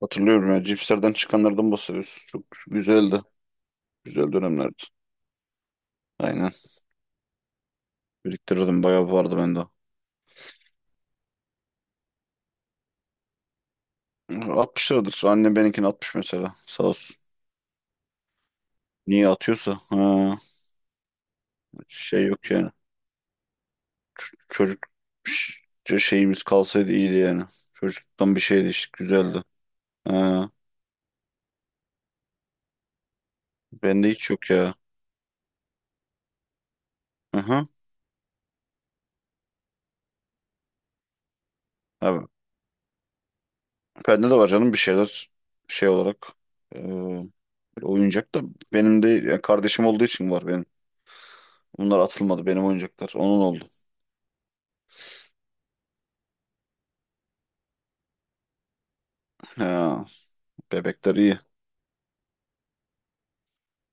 Hatırlıyorum ya cipslerden çıkanlardan bahsediyorsun. Çok güzeldi. Güzel dönemlerdi. Aynen. Biriktirirdim, bayağı vardı bende. 60 liradır. Annem benimkini 60 mesela. Sağ olsun. Niye atıyorsa. Ha, şey yok yani. Çocuk, şeyimiz kalsaydı iyiydi yani. Çocukluktan bir şeydi işte, güzeldi. Ha, bende hiç yok ya. Hı hı. Abi, bende de var canım bir şeyler şey olarak. e, Oyuncak da benim de, ya kardeşim olduğu için var benim. Bunlar atılmadı, benim oyuncaklar. Onun oldu. Ha, bebekler iyi.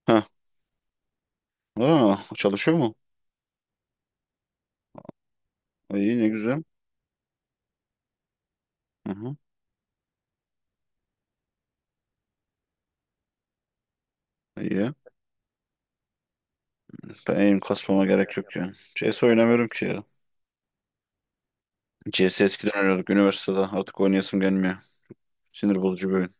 Ha, ha, çalışıyor mu? İyi, ne güzel. Hı hı, iyi. Ben eğim kasmama gerek yok ya. CS oynamıyorum ki ya. CS eskiden oynuyorduk üniversitede. Artık oynayasım gelmiyor. Sinir bozucu bir oyun.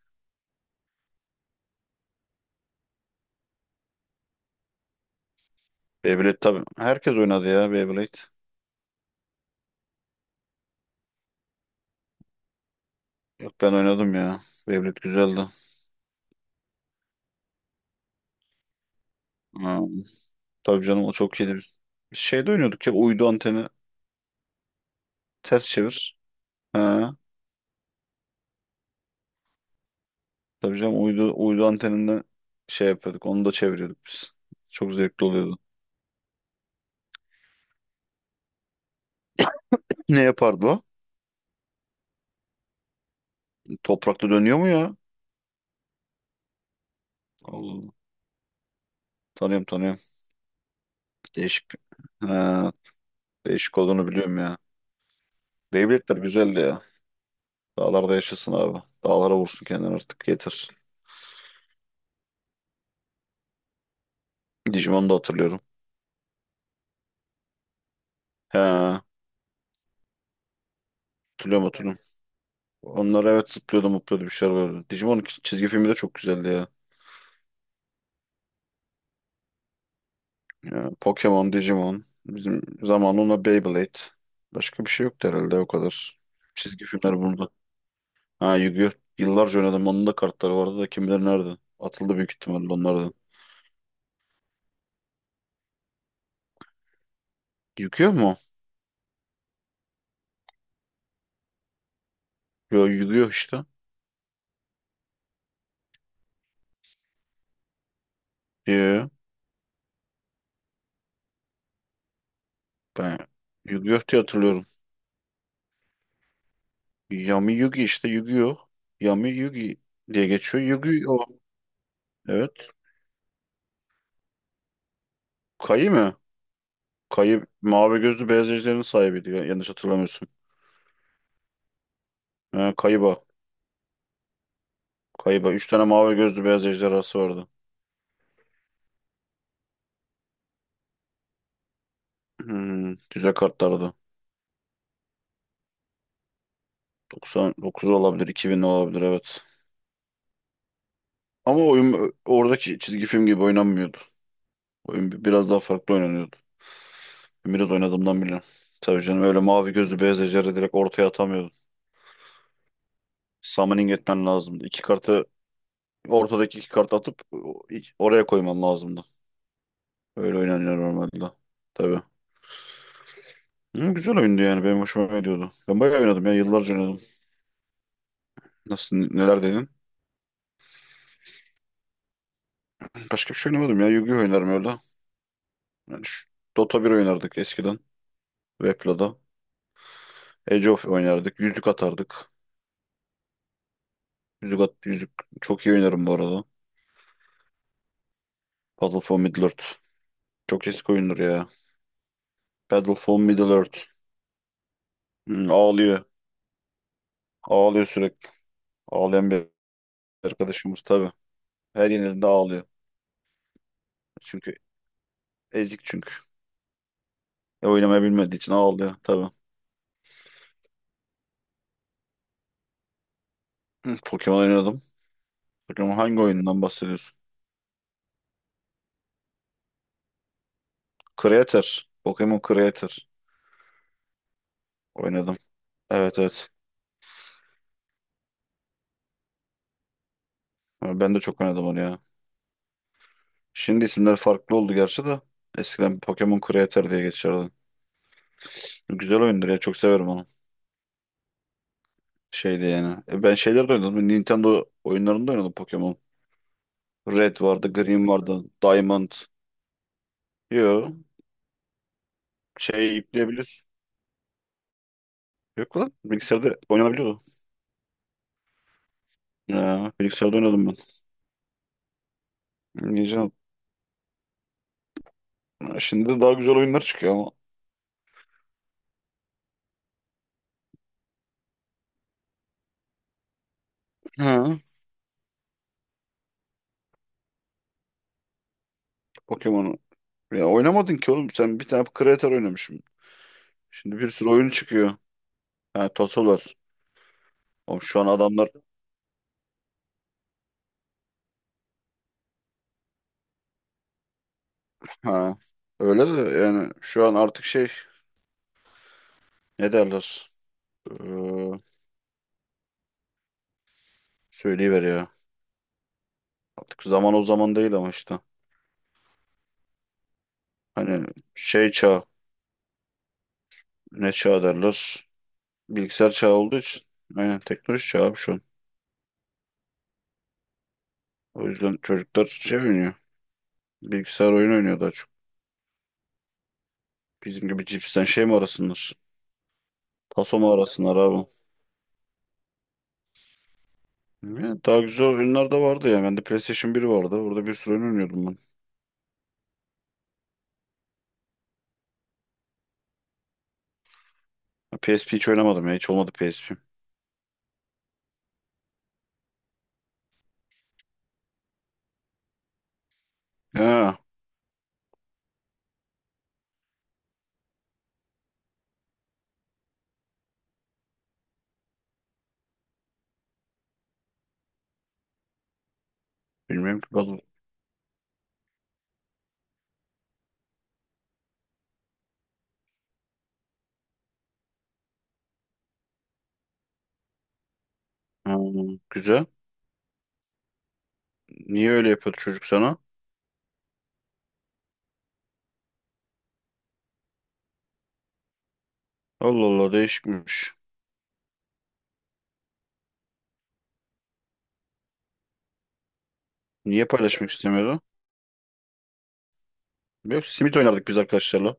Beyblade tabii. Herkes oynadı ya Beyblade. Yok, ben oynadım ya. Beyblade güzeldi. Ha, tabii canım, o çok iyiydi. Biz şeyde oynuyorduk ya, uydu anteni, ters çevir. Ha, tabii canım, uydu anteninden şey yapıyorduk. Onu da çeviriyorduk biz. Çok zevkli oluyordu. Ne yapardı o? Toprakta dönüyor mu ya? Allah Allah. Tanıyorum, tanıyorum. Değişik. Ha, değişik olduğunu biliyorum ya. Beyblade'ler güzeldi ya. Dağlarda yaşasın abi. Dağlara vursun kendini artık, yeter. Digimon'u da hatırlıyorum. He, hatırlıyorum, hatırlıyorum. Onlar, evet, zıplıyordu, mutluyordu bir şeyler böyle. Digimon çizgi filmi de çok güzeldi ya. Ya, Pokemon, Digimon. Bizim zamanında Beyblade. Başka bir şey yoktu herhalde o kadar. Çizgi filmler bunda. Ha, Yu-Gi-Oh! Yıllarca oynadım. Onun da kartları vardı da, kim bilir nerede. Atıldı büyük ihtimalle onlardan. Yıkıyor mu? Yo, yıkıyor işte. Yo, ben yıkıyor diye hatırlıyorum. Yami Yugi işte yıkıyor. Yami Yugi diye geçiyor. Yugi o. Evet. Kayı mı? Kayı mavi gözlü beyaz ejderhanın sahibiydi. Yanlış hatırlamıyorsun. Ha, Kaiba. Kaiba. Üç tane mavi gözlü beyaz ejderhası vardı. Güzel kartlardı. 99 olabilir, 2000 olabilir, evet. Ama oyun oradaki çizgi film gibi oynanmıyordu. Oyun biraz daha farklı oynanıyordu. Ben biraz oynadığımdan biliyorum. Tabii canım, öyle mavi gözlü beyaz ejderi direkt ortaya atamıyordun. Summoning etmen lazımdı. İki kartı, ortadaki iki kartı atıp oraya koyman lazımdı. Öyle oynanıyor normalde. Tabii. Hı, güzel oyundu yani, benim hoşuma gidiyordu. Ben bayağı oynadım ya, yıllarca oynadım. Nasıl, neler dedin? Başka bir şey oynamadım ya. Yu-Gi-Oh oynarım öyle. Yani şu Dota bir oynardık eskiden. Wepla'da. Age of oynardık. Yüzük atardık. Yüzük at, yüzük çok iyi oynarım bu arada. Battle for Middle-earth. Çok eski oyundur ya. Battle for Middle-earth. Ağlıyor. Ağlıyor sürekli. Ağlayan bir arkadaşımız tabii. Her yenildiğinde ağlıyor. Çünkü ezik çünkü. Oynamayı bilmediği için ağlıyor tabii. Hı, Pokemon oynadım. Pokemon hangi oyundan bahsediyorsun? Creator. Pokemon Creator oynadım. Evet, evet. Ama ben de çok oynadım onu ya. Şimdi isimler farklı oldu gerçi de. Eskiden Pokemon Creator diye geçerdi. Güzel oyundur ya, çok severim onu. Şeydi yani. Ben şeyler de oynadım. Nintendo oyunlarında oynadım Pokemon. Red vardı, Green vardı, Diamond. Yo. Şey yükleyebiliyorsun. Yok lan. Bilgisayarda oynanabiliyordu. Ya, bilgisayarda oynadım ben. Oynayacağım. Şimdi de daha güzel oyunlar çıkıyor ama. Ha, Pokemon'u. Ya oynamadın ki oğlum. Sen bir tane Creator oynamışım. Şimdi bir sürü oyun çıkıyor. Ha, tasolar var. Oğlum şu an adamlar... Ha, öyle de yani şu an artık şey... Ne derler? Ee, Söyleyiver ya. Artık zaman o zaman değil ama işte. Hani şey çağı. Ne çağı derler? Bilgisayar çağı olduğu için. Aynen, teknoloji çağı abi şu an. O yüzden çocuklar şey oynuyor. Bilgisayar oyunu oynuyor daha çok. Bizim gibi cipsten şey mi arasınlar? Taso mu arasınlar abi? Ya, daha güzel oyunlar da vardı ya. Bende PlayStation 1 vardı. Orada bir sürü oyun oynuyordum ben. Ha, PSP hiç oynamadım ya. Hiç olmadı PSP. Ha, bilmiyorum ki, vallahi. Ha, güzel. Niye öyle yapıyordu çocuk sana? Allah Allah, değişikmiş. Niye paylaşmak istemiyordu? Yok, simit oynardık biz arkadaşlarla.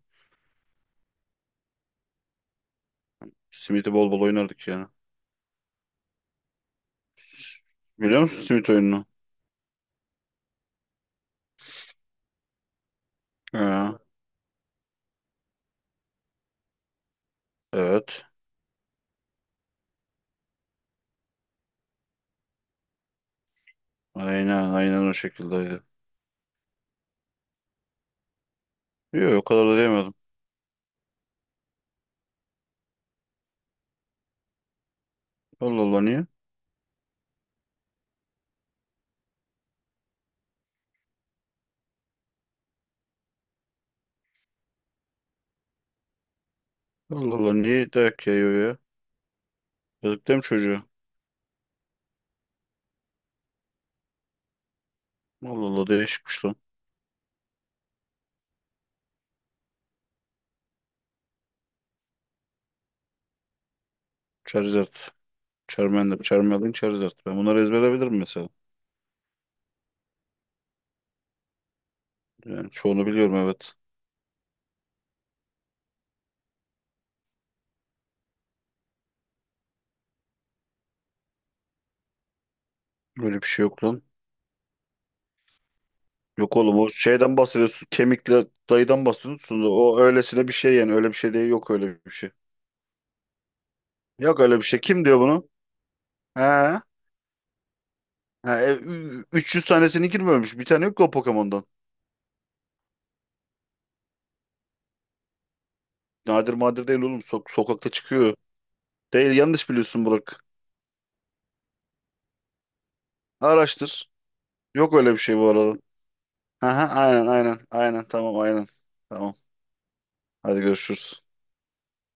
Simit'i bol bol oynardık yani. Biliyor musun simit oyununu? Ha, evet. Aynen, aynen o şekilde. Yok, o kadar da diyemedim. Allah Allah, niye? Allah Allah, niye dayak yayıyor ya? Yazık değil mi çocuğu? Allah Allah, değişikmiş lan. Charizard. Charmander. Charmander. Charizard. Ben bunları ezberleyebilirim mesela. Yani çoğunu biliyorum, evet. Öyle bir şey yok lan. Yok oğlum, o şeyden bahsediyorsun. Kemikle dayıdan bahsediyorsun. Da o öylesine bir şey yani. Öyle bir şey değil. Yok öyle bir şey. Yok öyle bir şey. Kim diyor bunu? He? Ha, 300 tanesini girmemiş. Bir tane yok ki o Pokemon'dan. Nadir madir değil oğlum. Sokakta çıkıyor. Değil, yanlış biliyorsun Burak. Araştır. Yok öyle bir şey bu arada. Aha, aynen, aynen, aynen, tamam, aynen. Tamam. Hadi görüşürüz.